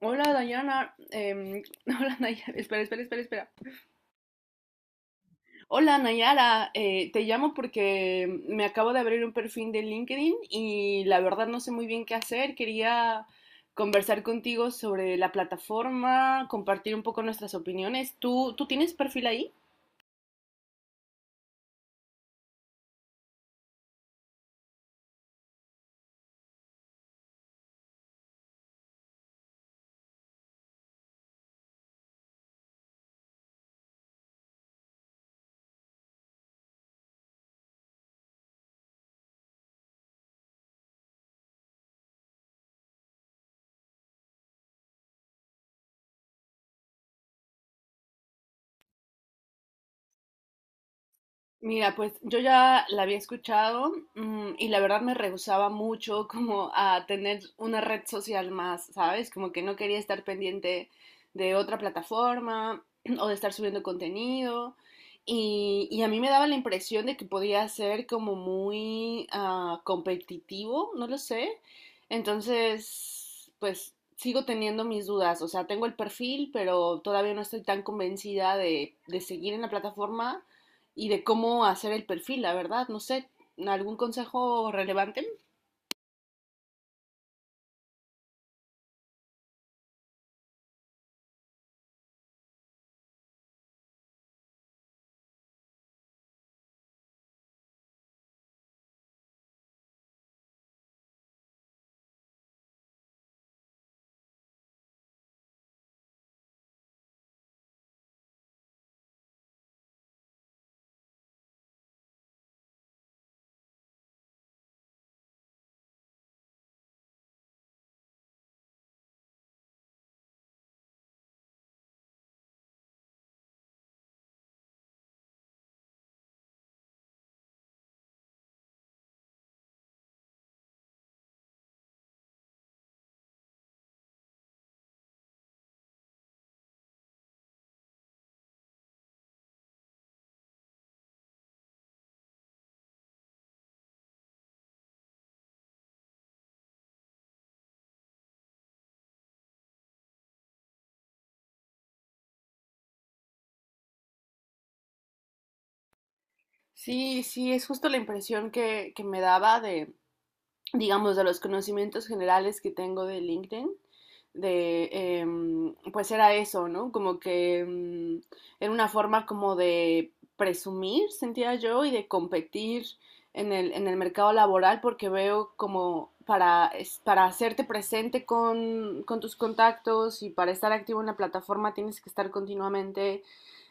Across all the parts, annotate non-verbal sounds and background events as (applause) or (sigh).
Hola Dayana, (laughs) hola Nayara, espera, espera, espera, espera. Hola Nayara, te llamo porque me acabo de abrir un perfil de LinkedIn y la verdad no sé muy bien qué hacer. Quería conversar contigo sobre la plataforma, compartir un poco nuestras opiniones. ¿Tú tienes perfil ahí? Mira, pues yo ya la había escuchado, y la verdad me rehusaba mucho como a tener una red social más, ¿sabes? Como que no quería estar pendiente de otra plataforma (clears throat) o de estar subiendo contenido. Y a mí me daba la impresión de que podía ser como muy competitivo, no lo sé. Entonces, pues sigo teniendo mis dudas. O sea, tengo el perfil, pero todavía no estoy tan convencida de seguir en la plataforma y de cómo hacer el perfil, la verdad, no sé, ¿algún consejo relevante? Sí, sí, es justo la impresión que me daba de, digamos, de los conocimientos generales que tengo de LinkedIn, de, pues era eso, ¿no? Como que era una forma como de presumir, sentía yo, y de competir en el mercado laboral, porque veo como para, para hacerte presente con tus contactos y para estar activo en la plataforma tienes que estar continuamente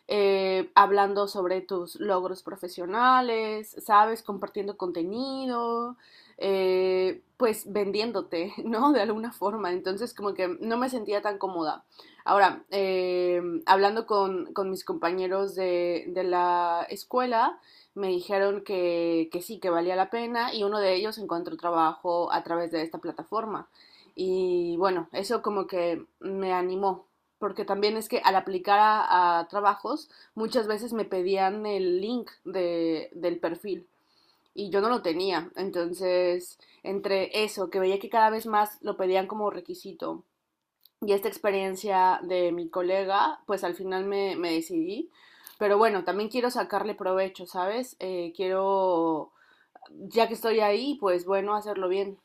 hablando sobre tus logros profesionales, ¿sabes? Compartiendo contenido, pues vendiéndote, (laughs) ¿no? De alguna forma. Entonces, como que no me sentía tan cómoda. Ahora, hablando con mis compañeros de la escuela, me dijeron que sí, que valía la pena y uno de ellos encontró trabajo a través de esta plataforma. Y bueno, eso como que me animó porque también es que al aplicar a trabajos muchas veces me pedían el link del perfil y yo no lo tenía. Entonces, entre eso, que veía que cada vez más lo pedían como requisito y esta experiencia de mi colega, pues al final me decidí. Pero bueno, también quiero sacarle provecho, ¿sabes? Ya que estoy ahí, pues bueno, hacerlo bien.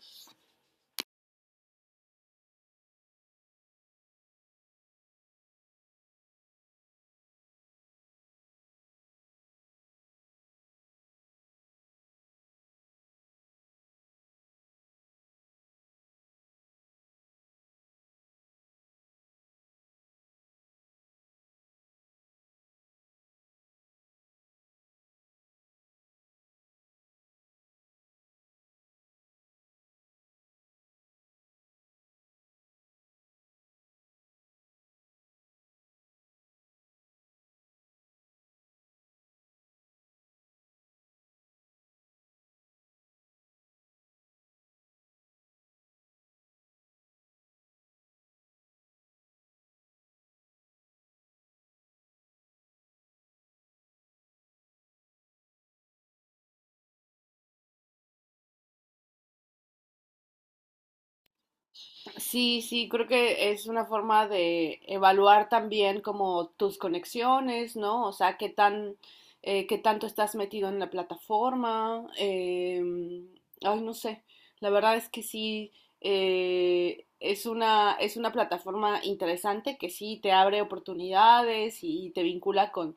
Sí, sí, creo que es una forma de evaluar también como tus conexiones, ¿no? O sea, qué tan, qué tanto estás metido en la plataforma. Ay, no sé. La verdad es que sí, es una plataforma interesante que sí te abre oportunidades y te vincula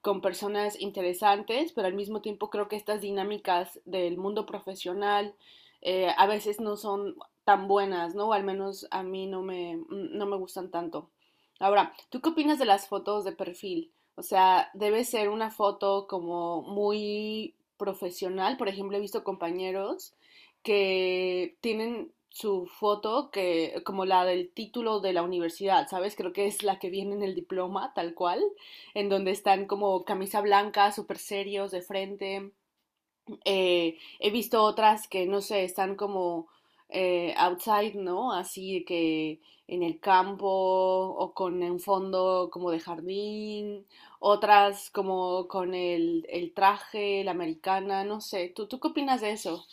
con personas interesantes, pero al mismo tiempo creo que estas dinámicas del mundo profesional a veces no son tan buenas, ¿no? O al menos a mí no me gustan tanto. Ahora, ¿tú qué opinas de las fotos de perfil? O sea, debe ser una foto como muy profesional. Por ejemplo, he visto compañeros que tienen su foto que como la del título de la universidad, ¿sabes? Creo que es la que viene en el diploma, tal cual, en donde están como camisa blanca, súper serios de frente. He visto otras que, no sé, están como outside, ¿no? Así que en el campo o con un fondo como de jardín, otras como con el traje, la americana, no sé. ¿Tú qué opinas de eso?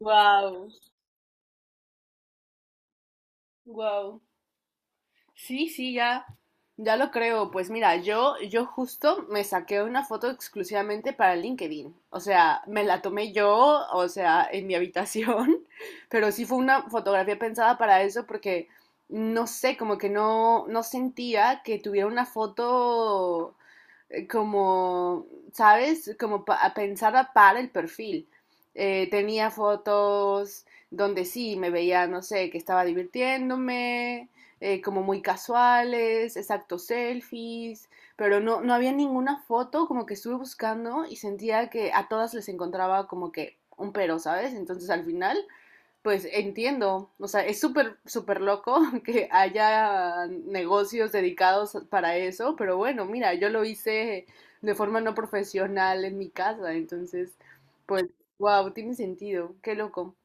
Wow, wow. Sí, sí, ya, ya lo creo. Pues mira, yo justo me saqué una foto exclusivamente para LinkedIn. O sea, me la tomé yo, o sea, en mi habitación, (laughs) pero sí fue una fotografía pensada para eso porque no sé, como que no sentía que tuviera una foto como, ¿sabes? Como pensada para el perfil. Tenía fotos donde sí me veía, no sé, que estaba divirtiéndome, como muy casuales, exacto, selfies, pero no había ninguna foto, como que estuve buscando y sentía que a todas les encontraba como que un pero, ¿sabes? Entonces al final, pues entiendo, o sea, es súper, súper loco (laughs) que haya negocios dedicados para eso, pero bueno, mira, yo lo hice de forma no profesional en mi casa, entonces, pues, wow, tiene sentido, qué loco.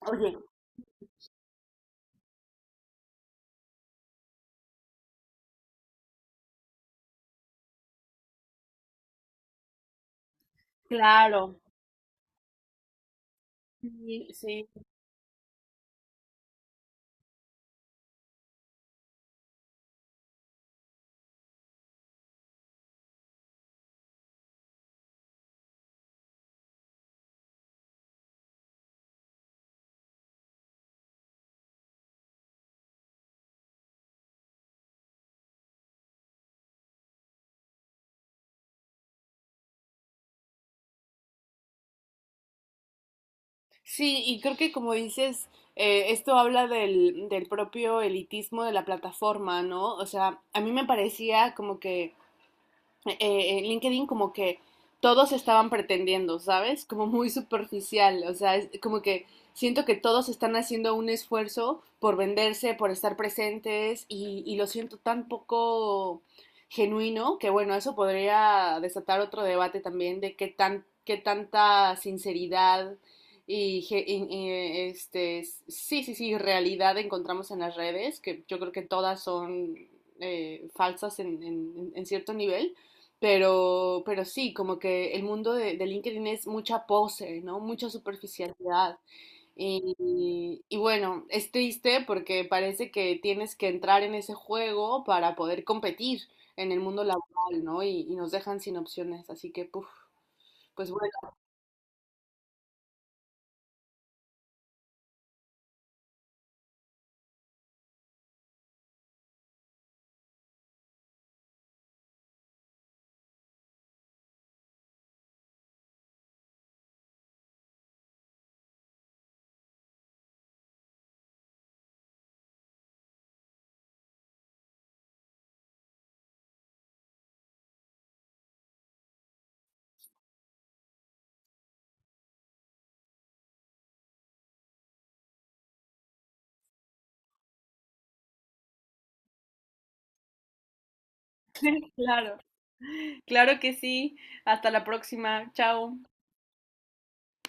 Oye, claro. Sí, sí. Sí, y creo que como dices, esto habla del propio elitismo de la plataforma, ¿no? O sea, a mí me parecía como que en LinkedIn como que todos estaban pretendiendo, ¿sabes? Como muy superficial, o sea, es como que siento que todos están haciendo un esfuerzo por venderse, por estar presentes y lo siento tan poco genuino que bueno, eso podría desatar otro debate también de qué tan qué tanta sinceridad y este sí, sí, sí, realidad encontramos en las redes, que yo creo que todas son falsas en cierto nivel, pero sí, como que el mundo de LinkedIn es mucha pose, ¿no? Mucha superficialidad. Y bueno, es triste porque parece que tienes que entrar en ese juego para poder competir en el mundo laboral, ¿no? Y nos dejan sin opciones. Así que, puf, pues bueno, claro, claro que sí. Hasta la próxima. Chao.